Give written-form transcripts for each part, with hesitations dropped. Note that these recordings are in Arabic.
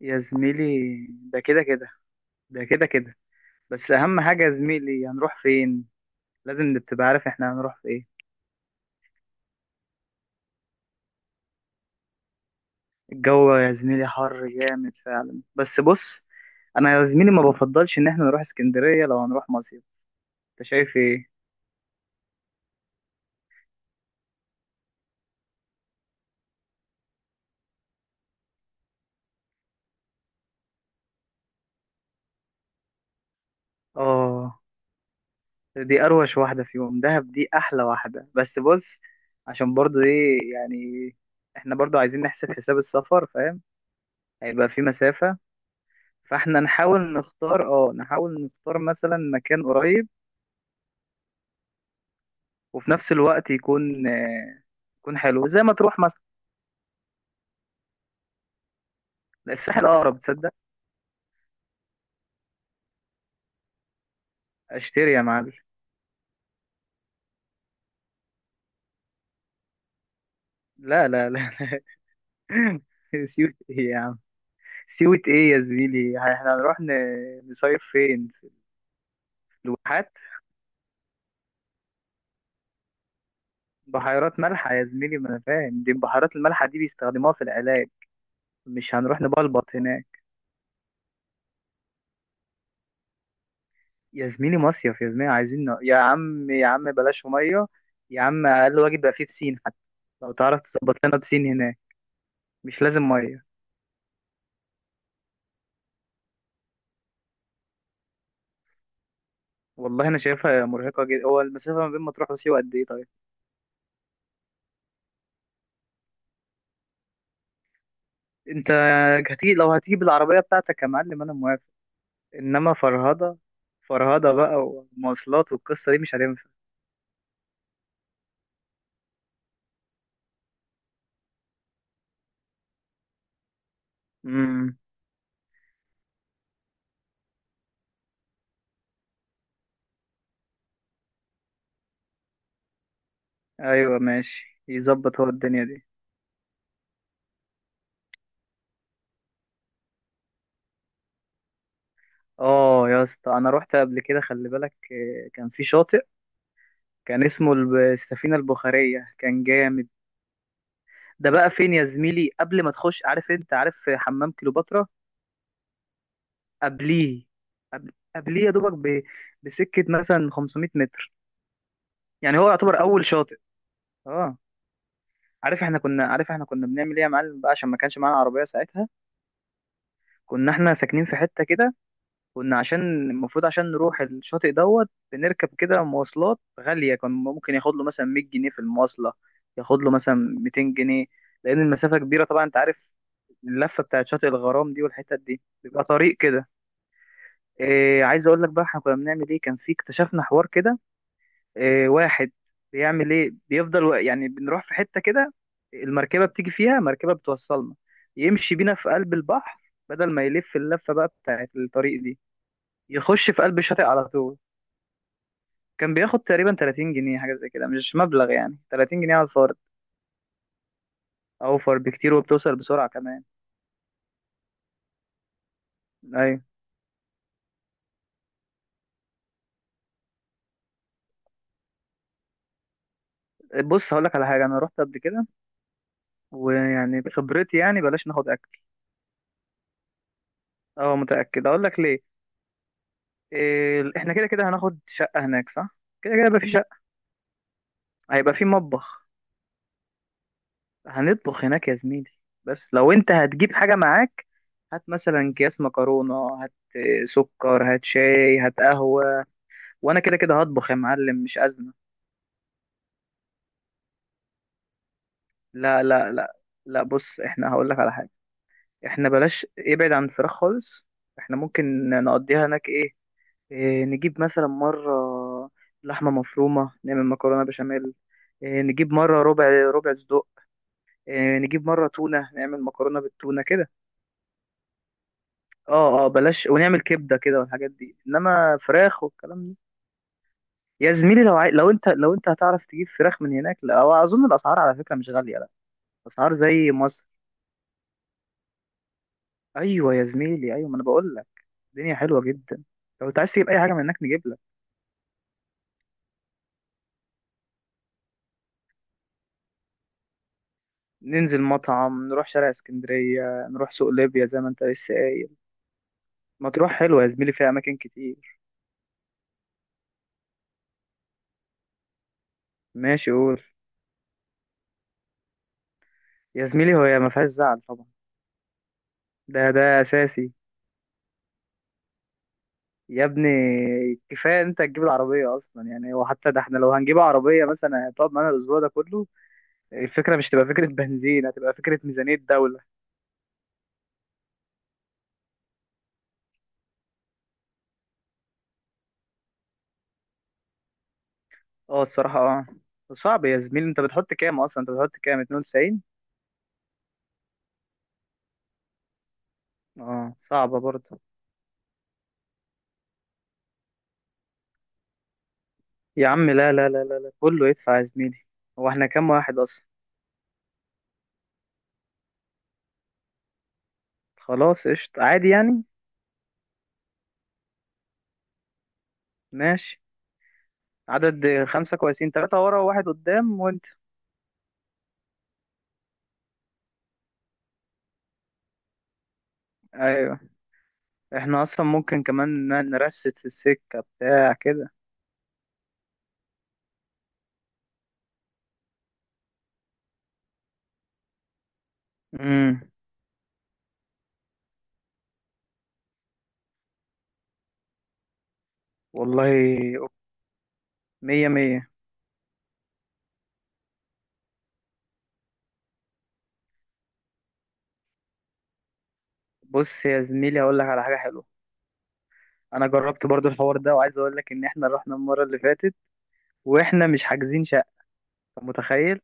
يا زميلي، ده كده كده، ده كده كده بس اهم حاجه يا زميلي، هنروح فين؟ لازم تبقى عارف احنا هنروح في ايه. الجو يا زميلي حر جامد فعلا، بس بص. انا يا زميلي ما بفضلش ان احنا نروح اسكندريه لو هنروح مصيف. انت شايف ايه؟ اه، دي اروش واحده فيهم، دهب دي احلى واحده، بس بص. عشان برضو ايه يعني، احنا برضو عايزين نحسب حساب السفر، فاهم. هيبقى في مسافه. فاحنا نحاول نختار، اه نحاول نختار مثلا مكان قريب، وفي نفس الوقت يكون يكون حلو زي ما تروح مثلا. الساحل اقرب، تصدق. اشتري يا معلم. لا لا لا لا. سيوة ايه يا عم؟ سيوة ايه يا زميلي؟ احنا هنروح نصيف فين؟ في الواحات؟ بحيرات مالحة يا زميلي، ما انا فاهم دي، البحيرات المالحة دي بيستخدموها في العلاج. مش هنروح نبلبط هناك. يا زميلي مصيف، يا زميلي عايزين يا عم يا عم بلاش مية. يا عم اقل واجب بقى فيه بسين حتى، لو تعرف تظبط لنا بسين هناك. مش لازم مية. والله انا شايفها مرهقه جدا، هو المسافه ما بين مطروح وسيوه قد ايه طيب؟ انت هتيجي، لو هتيجي بالعربيه بتاعتك يا معلم انا موافق. انما فرهضه، فرهضه بقى ومواصلات والقصه دي مش هتنفع. امم. ايوه ماشي يظبط، هو الدنيا دي. اه يا اسطى، انا رحت قبل كده، خلي بالك، كان في شاطئ، كان اسمه السفينه البخاريه، كان جامد. ده بقى فين يا زميلي؟ قبل ما تخش، عارف، انت عارف حمام كليوباترا؟ قبليه، قبليه يا دوبك بسكه مثلا 500 متر، يعني هو يعتبر اول شاطئ. اه. عارف احنا كنا بنعمل ايه يا معلم بقى؟ عشان ما كانش معانا عربيه ساعتها، كنا احنا ساكنين في حته كده، كنا عشان المفروض عشان نروح الشاطئ دوت، بنركب كده مواصلات غاليه، كان ممكن ياخد له مثلا 100 جنيه في المواصله، ياخد له مثلا 200 جنيه، لان المسافه كبيره طبعا، انت عارف اللفه بتاعت شاطئ الغرام دي والحتت دي بيبقى طريق كده. إيه عايز اقول لك بقى، احنا كنا بنعمل ايه، كان في اكتشفنا حوار كده، واحد بيعمل ايه، بيفضل يعني بنروح في حتة كده، المركبة بتيجي، فيها مركبة بتوصلنا، يمشي بينا في قلب البحر بدل ما يلف اللفة بقى بتاعت الطريق دي، يخش في قلب الشاطئ على طول. كان بياخد تقريبا 30 جنيه، حاجة زي كده مش مبلغ يعني، 30 جنيه على الفرد. اوفر بكتير وبتوصل بسرعة كمان. ايوه. بص هقول لك على حاجة، انا رحت قبل كده، ويعني بخبرتي يعني بلاش ناخد اكل. اه متأكد، اقول لك ليه. إيه احنا كده كده هناخد شقة هناك صح، كده كده يبقى في شقة، هيبقى في مطبخ، هنطبخ هناك يا زميلي. بس لو انت هتجيب حاجة معاك، هات مثلا اكياس مكرونة، هات سكر، هات شاي، هات قهوة، وانا كده كده هطبخ يا معلم، مش أزمة. لا لا لا لا، بص احنا هقول لك على حاجة، احنا بلاش ابعد عن الفراخ خالص. احنا ممكن نقضيها هناك ايه، إيه نجيب مثلا مرة لحمة مفرومة نعمل مكرونة بشاميل، إيه نجيب مرة ربع، ربع صدق، إيه نجيب مرة تونة نعمل مكرونة بالتونة كده. اه اه بلاش، ونعمل كبده كده والحاجات دي، انما فراخ والكلام ده، يا زميلي لو لو انت هتعرف تجيب فراخ من هناك، لا، هو اظن الاسعار على فكره مش غاليه، لا، اسعار زي مصر. ايوه يا زميلي ايوه، ما انا بقول لك الدنيا حلوه جدا، لو انت عايز تجيب اي حاجه من هناك نجيب لك. ننزل مطعم، نروح شارع اسكندريه، نروح سوق ليبيا زي ما انت لسه قايل. مطروح حلوه يا زميلي، فيها اماكن كتير. ماشي قول، يا زميلي هو ما فيهاش زعل طبعا، ده ده اساسي. يا ابني كفايه انت تجيب العربيه اصلا يعني، وحتى ده احنا لو هنجيب عربيه مثلا هتقعد معانا الاسبوع ده كله، الفكره مش تبقى فكره بنزين، هتبقى فكره ميزانيه دوله. اه الصراحه اه. صعب يا زميلي، انت بتحط كام اصلا؟ انت بتحط كام؟ 92؟ اه صعبه برضه. يا عم لا لا لا لا لا، كله يدفع يا زميلي، هو احنا كام واحد اصلا؟ خلاص قشطه عادي يعني. ماشي. عدد خمسة كويسين، تلاتة ورا وواحد قدام وانت. ايوه احنا اصلا ممكن كمان نرست في السكة بتاع كده. امم. والله. مية مية. بص يا زميلي هقول لك على حاجة حلوة، أنا جربت برضو الحوار ده، وعايز أقول لك إن إحنا رحنا المرة اللي فاتت وإحنا مش حاجزين شقة. أنت متخيل؟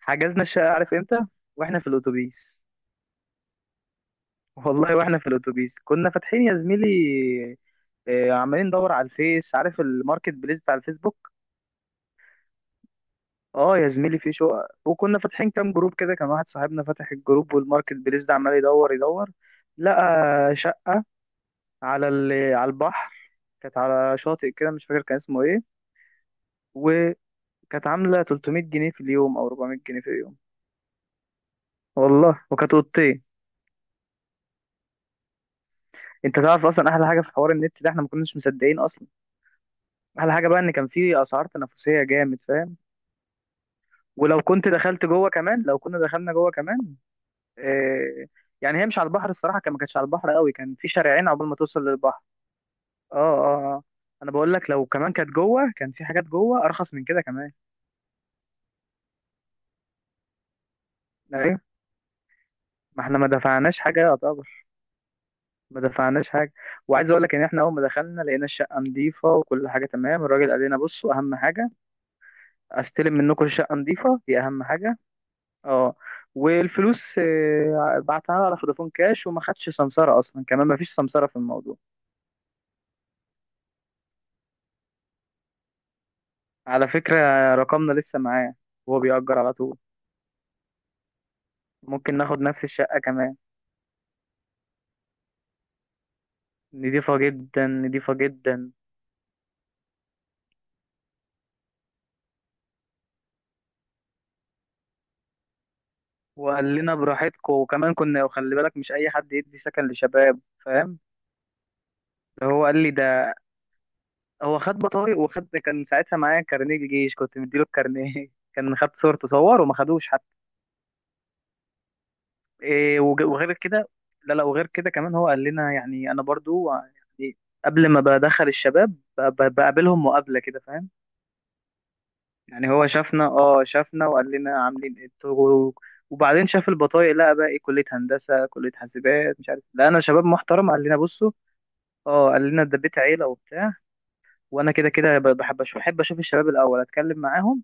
حجزنا الشقة عارف إمتى؟ وإحنا في الأتوبيس. والله وإحنا في الأتوبيس كنا فاتحين يا زميلي، عمالين ندور على الفيس، عارف الماركت بليس بتاع الفيسبوك. اه يا زميلي في شقق، وكنا فاتحين كام جروب كده، كان واحد صاحبنا فاتح الجروب والماركت بليس ده عمال يدور يدور، لقى شقة على ال... على البحر. كانت على شاطئ كده مش فاكر كان اسمه ايه، وكانت عامله 300 جنيه في اليوم او 400 جنيه في اليوم. والله وكانت اوضتين. انت تعرف اصلا احلى حاجه في حوار النت ده، احنا ما كناش مصدقين اصلا. احلى حاجه بقى ان كان في اسعار تنافسيه جامد، فاهم. ولو كنت دخلت جوه كمان، لو كنا دخلنا جوه كمان، آه، يعني هي مش على البحر الصراحه، كان ما كانتش على البحر قوي، كان في شارعين عقبال ما توصل للبحر. اه اه اه. انا بقول لك لو كمان كانت جوه كان في حاجات جوه ارخص من كده كمان. ايوه ما احنا ما دفعناش حاجة. وعايز اقول لك ان احنا اول ما دخلنا لقينا الشقة نظيفة وكل حاجة تمام، الراجل قال لنا بصوا اهم حاجة، استلم منكم الشقة نظيفة دي اهم حاجة. اه. والفلوس بعتها على فودافون كاش، وما خدش سمسارة اصلا كمان، ما فيش سمسارة في الموضوع. على فكرة، رقمنا لسه معاه، وهو بيأجر على طول، ممكن ناخد نفس الشقة كمان. نضيفة جدا، نضيفة جدا. وقال لنا براحتكم، وكمان كنا، وخلي بالك مش اي حد يدي سكن لشباب، فاهم. هو قال لي ده، هو خد بطايق وخد، كان ساعتها معايا كارنيه جيش، كنت مديله الكارنيه كان خد صورته، صور وما خدوش حتى. إيه وغير كده، لا لا، وغير كده كمان هو قال لنا يعني، انا برضو يعني قبل ما بدخل الشباب بقابلهم مقابلة كده، فاهم. يعني هو شافنا، وقال لنا عاملين ايه انتوا؟ وبعدين شاف البطايق، لقى بقى ايه، كلية هندسة، كلية حاسبات، مش عارف، لقينا شباب محترم، قال لنا بصوا اه، قال لنا ده بيت عيلة وبتاع. وانا كده كده بحب بحب اشوف الشباب الاول، اتكلم معاهم،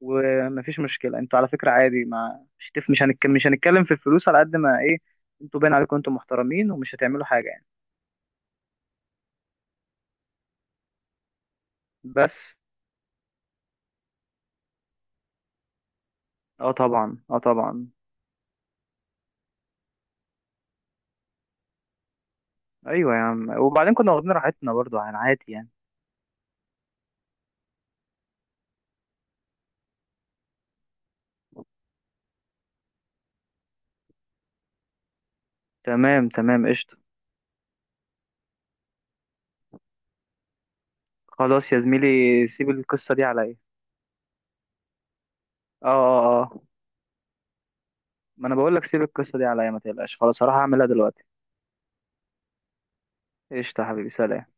ومفيش مشكله انتوا على فكره عادي، ما مش مش هنتكلم، في الفلوس على قد ما ايه، انتوا باين عليكم انتوا محترمين ومش هتعملوا حاجه يعني. بس اه طبعا اه طبعا. ايوه يا عم، وبعدين كنا واخدين راحتنا برضو عن عادي يعني. تمام تمام قشطه. خلاص يا زميلي، سيب القصه دي عليا. اه اه اه، ما انا بقول لك سيب القصه دي عليا، ما تقلقش خلاص، هروح اعملها دلوقتي. قشطه يا حبيبي، سلام.